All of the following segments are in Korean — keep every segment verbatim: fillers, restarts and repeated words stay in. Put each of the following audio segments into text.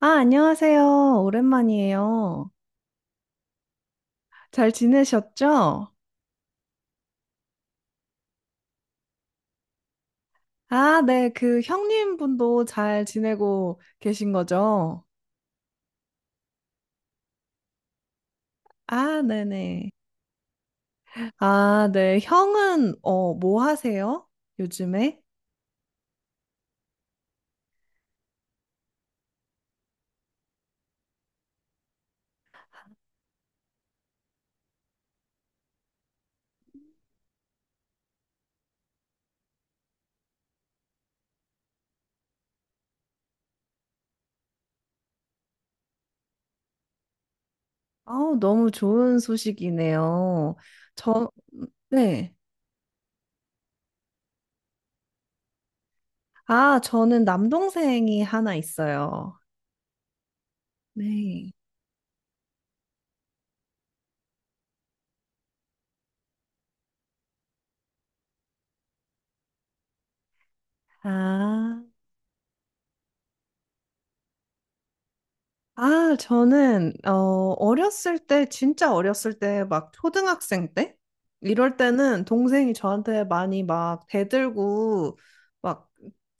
아, 안녕하세요. 오랜만이에요. 잘 지내셨죠? 아, 네. 그 형님 분도 잘 지내고 계신 거죠? 아, 네네. 아, 네. 형은, 어, 뭐 하세요? 요즘에? 아우, 너무 좋은 소식이네요. 저, 네. 아, 저는 남동생이 하나 있어요. 네. 아. 아, 저는, 어, 어렸을 때, 진짜 어렸을 때, 막 초등학생 때? 이럴 때는 동생이 저한테 많이 막 대들고, 막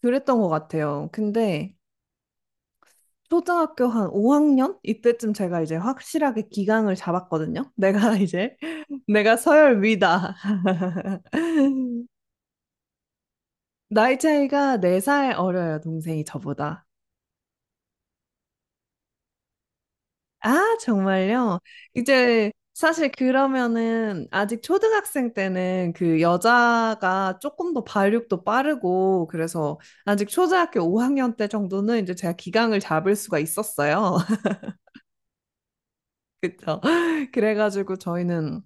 그랬던 것 같아요. 근데 초등학교 한 오 학년? 이때쯤 제가 이제 확실하게 기강을 잡았거든요. 내가 이제, 내가 서열 위다. 나이 차이가 네 살 어려요, 동생이 저보다. 아, 정말요? 이제 사실 그러면은 아직 초등학생 때는 그 여자가 조금 더 발육도 빠르고 그래서 아직 초등학교 오 학년 때 정도는 이제 제가 기강을 잡을 수가 있었어요. 그쵸? 그래가지고 저희는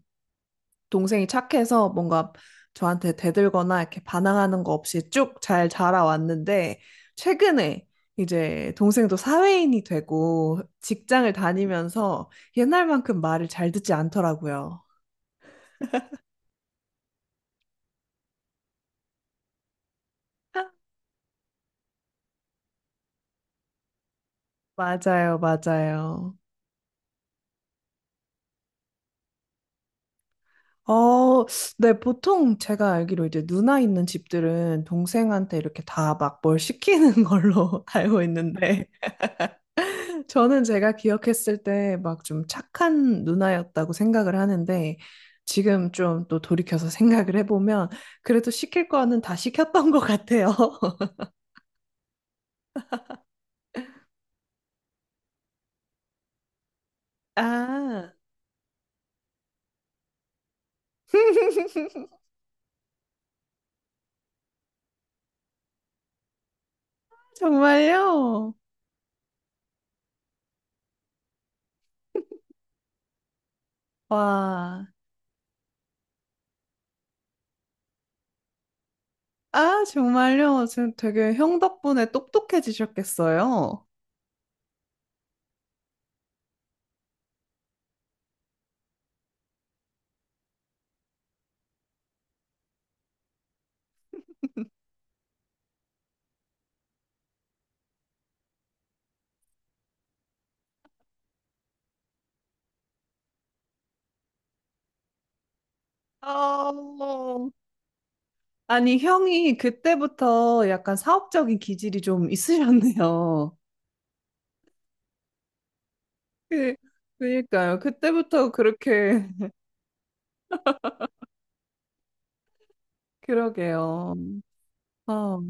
동생이 착해서 뭔가 저한테 대들거나 이렇게 반항하는 거 없이 쭉 잘 자라왔는데, 최근에 이제 동생도 사회인이 되고 직장을 다니면서 옛날만큼 말을 잘 듣지 않더라고요. 맞아요, 맞아요. 어, 네, 보통 제가 알기로 이제 누나 있는 집들은 동생한테 이렇게 다 막 뭘 시키는 걸로 알고 있는데, 저는 제가 기억했을 때 막 좀 착한 누나였다고 생각을 하는데 지금 좀 또 돌이켜서 생각을 해보면 그래도 시킬 거는 다 시켰던 것 같아요. 아, 정말요? 와, 아, 정말요? 지금 되게 형 덕분에 똑똑해지셨겠어요? 어, 아니, 형이 그때부터 약간 사업적인 기질이 좀 있으셨네요. 그, 그니까요. 그때부터 그렇게 그러게요. 어.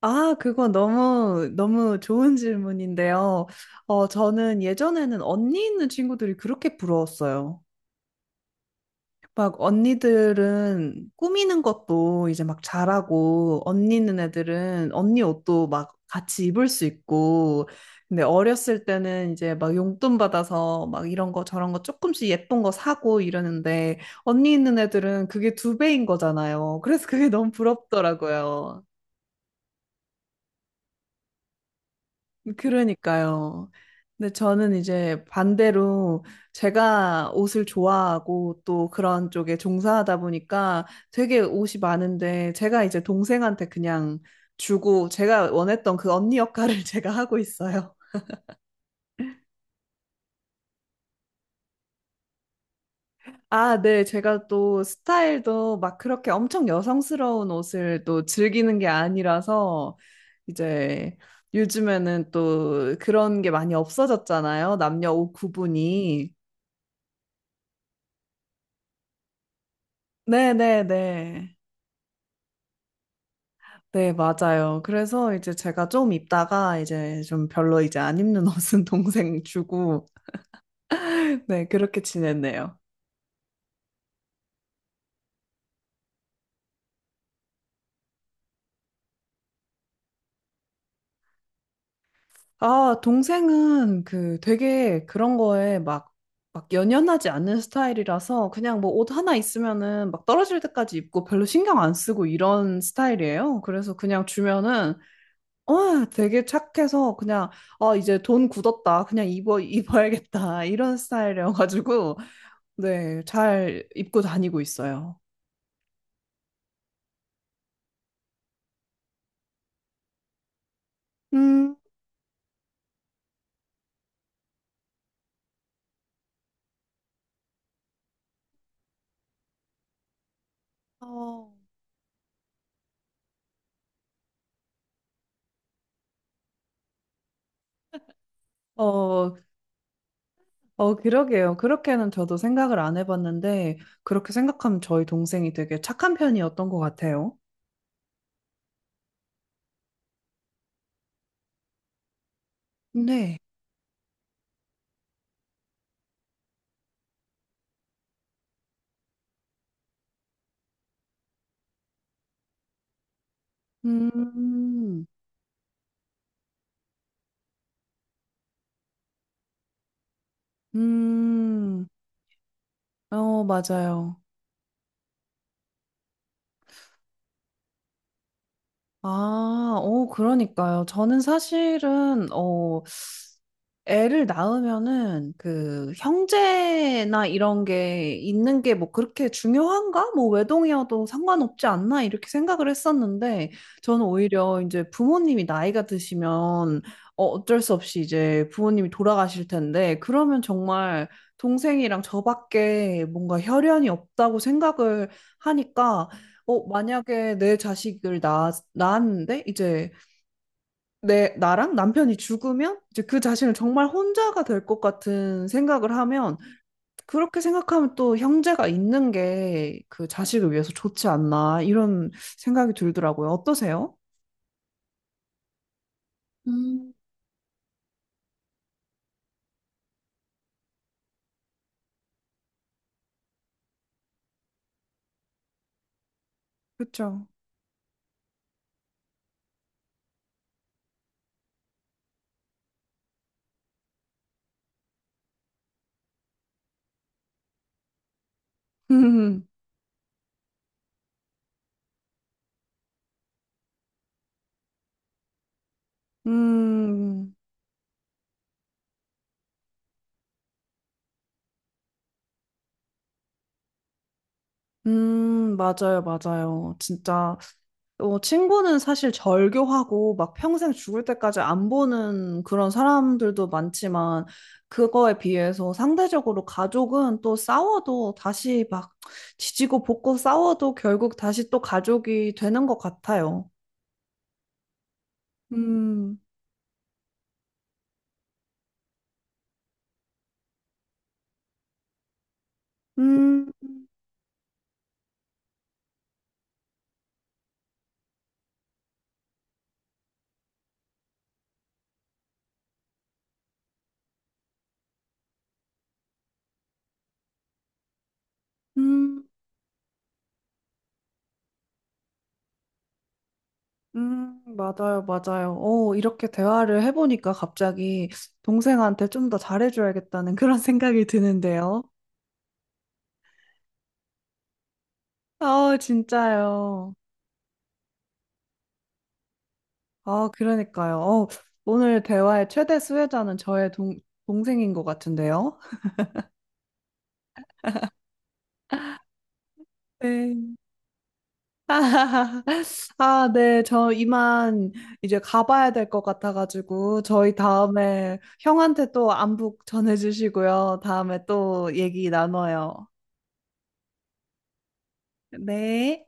아, 그거 너무, 너무 좋은 질문인데요. 어, 저는 예전에는 언니 있는 친구들이 그렇게 부러웠어요. 막 언니들은 꾸미는 것도 이제 막 잘하고, 언니 있는 애들은 언니 옷도 막 같이 입을 수 있고, 근데 어렸을 때는 이제 막 용돈 받아서 막 이런 거 저런 거 조금씩 예쁜 거 사고 이러는데, 언니 있는 애들은 그게 두 배인 거잖아요. 그래서 그게 너무 부럽더라고요. 그러니까요. 근데 저는 이제 반대로 제가 옷을 좋아하고 또 그런 쪽에 종사하다 보니까 되게 옷이 많은데 제가 이제 동생한테 그냥 주고 제가 원했던 그 언니 역할을 제가 하고 있어요. 아, 네. 제가 또 스타일도 막 그렇게 엄청 여성스러운 옷을 또 즐기는 게 아니라서 이제 요즘에는 또 그런 게 많이 없어졌잖아요. 남녀 옷 구분이. 네네네. 네, 맞아요. 그래서 이제 제가 좀 입다가 이제 좀 별로 이제 안 입는 옷은 동생 주고, 네, 그렇게 지냈네요. 아, 동생은 그 되게 그런 거에 막, 막 연연하지 않는 스타일이라서 그냥 뭐 옷 하나 있으면은 막 떨어질 때까지 입고 별로 신경 안 쓰고 이런 스타일이에요. 그래서 그냥 주면은, 어, 되게 착해서 그냥, 아, 이제 돈 굳었다. 그냥 입어, 입어야겠다. 이런 스타일이어가지고. 네, 잘 입고 다니고 있어요. 음, 어, 어, 어, 그러게요. 그렇게는 저도 생각을 안 해봤는데, 그렇게 생각하면 저희 동생이 되게 착한 편이었던 것 같아요. 네. 음, 음, 어, 맞아요. 아, 어, 그러니까요. 저는 사실은, 어, 애를 낳으면은 그 형제나 이런 게 있는 게 뭐 그렇게 중요한가? 뭐 외동이어도 상관없지 않나? 이렇게 생각을 했었는데 저는 오히려 이제 부모님이 나이가 드시면 어, 어쩔 수 없이 이제 부모님이 돌아가실 텐데 그러면 정말 동생이랑 저밖에 뭔가 혈연이 없다고 생각을 하니까 어, 만약에 내 자식을 낳았, 낳았는데 이제 내 나랑 남편이 죽으면 이제 그 자신을 정말 혼자가 될 것 같은 생각을 하면 그렇게 생각하면 또 형제가 있는 게 그 자식을 위해서 좋지 않나 이런 생각이 들더라고요. 어떠세요? 음. 그렇죠. 음, 음, 음, 맞아요, 맞아요. 진짜 어, 친구는 사실 절교하고 막 평생 죽을 때까지 안 보는 그런 사람들도 많지만 그거에 비해서 상대적으로 가족은 또 싸워도 다시 막 지지고 볶고 싸워도 결국 다시 또 가족이 되는 것 같아요. 음, 음, 음, 음, 맞아요, 맞아요. 어, 이렇게 대화를 해보니까 갑자기 동생한테 좀 더 잘해줘야겠다는 그런 생각이 드는데요. 아, 진짜요. 아, 그러니까요. 어, 오늘 대화의 최대 수혜자는 저의 동, 동생인 것 같은데요. 네. 아, 네. 저 이만 이제 가봐야 될 것 같아가지고, 저희 다음에 형한테 또 안부 전해주시고요. 다음에 또 얘기 나눠요. 네.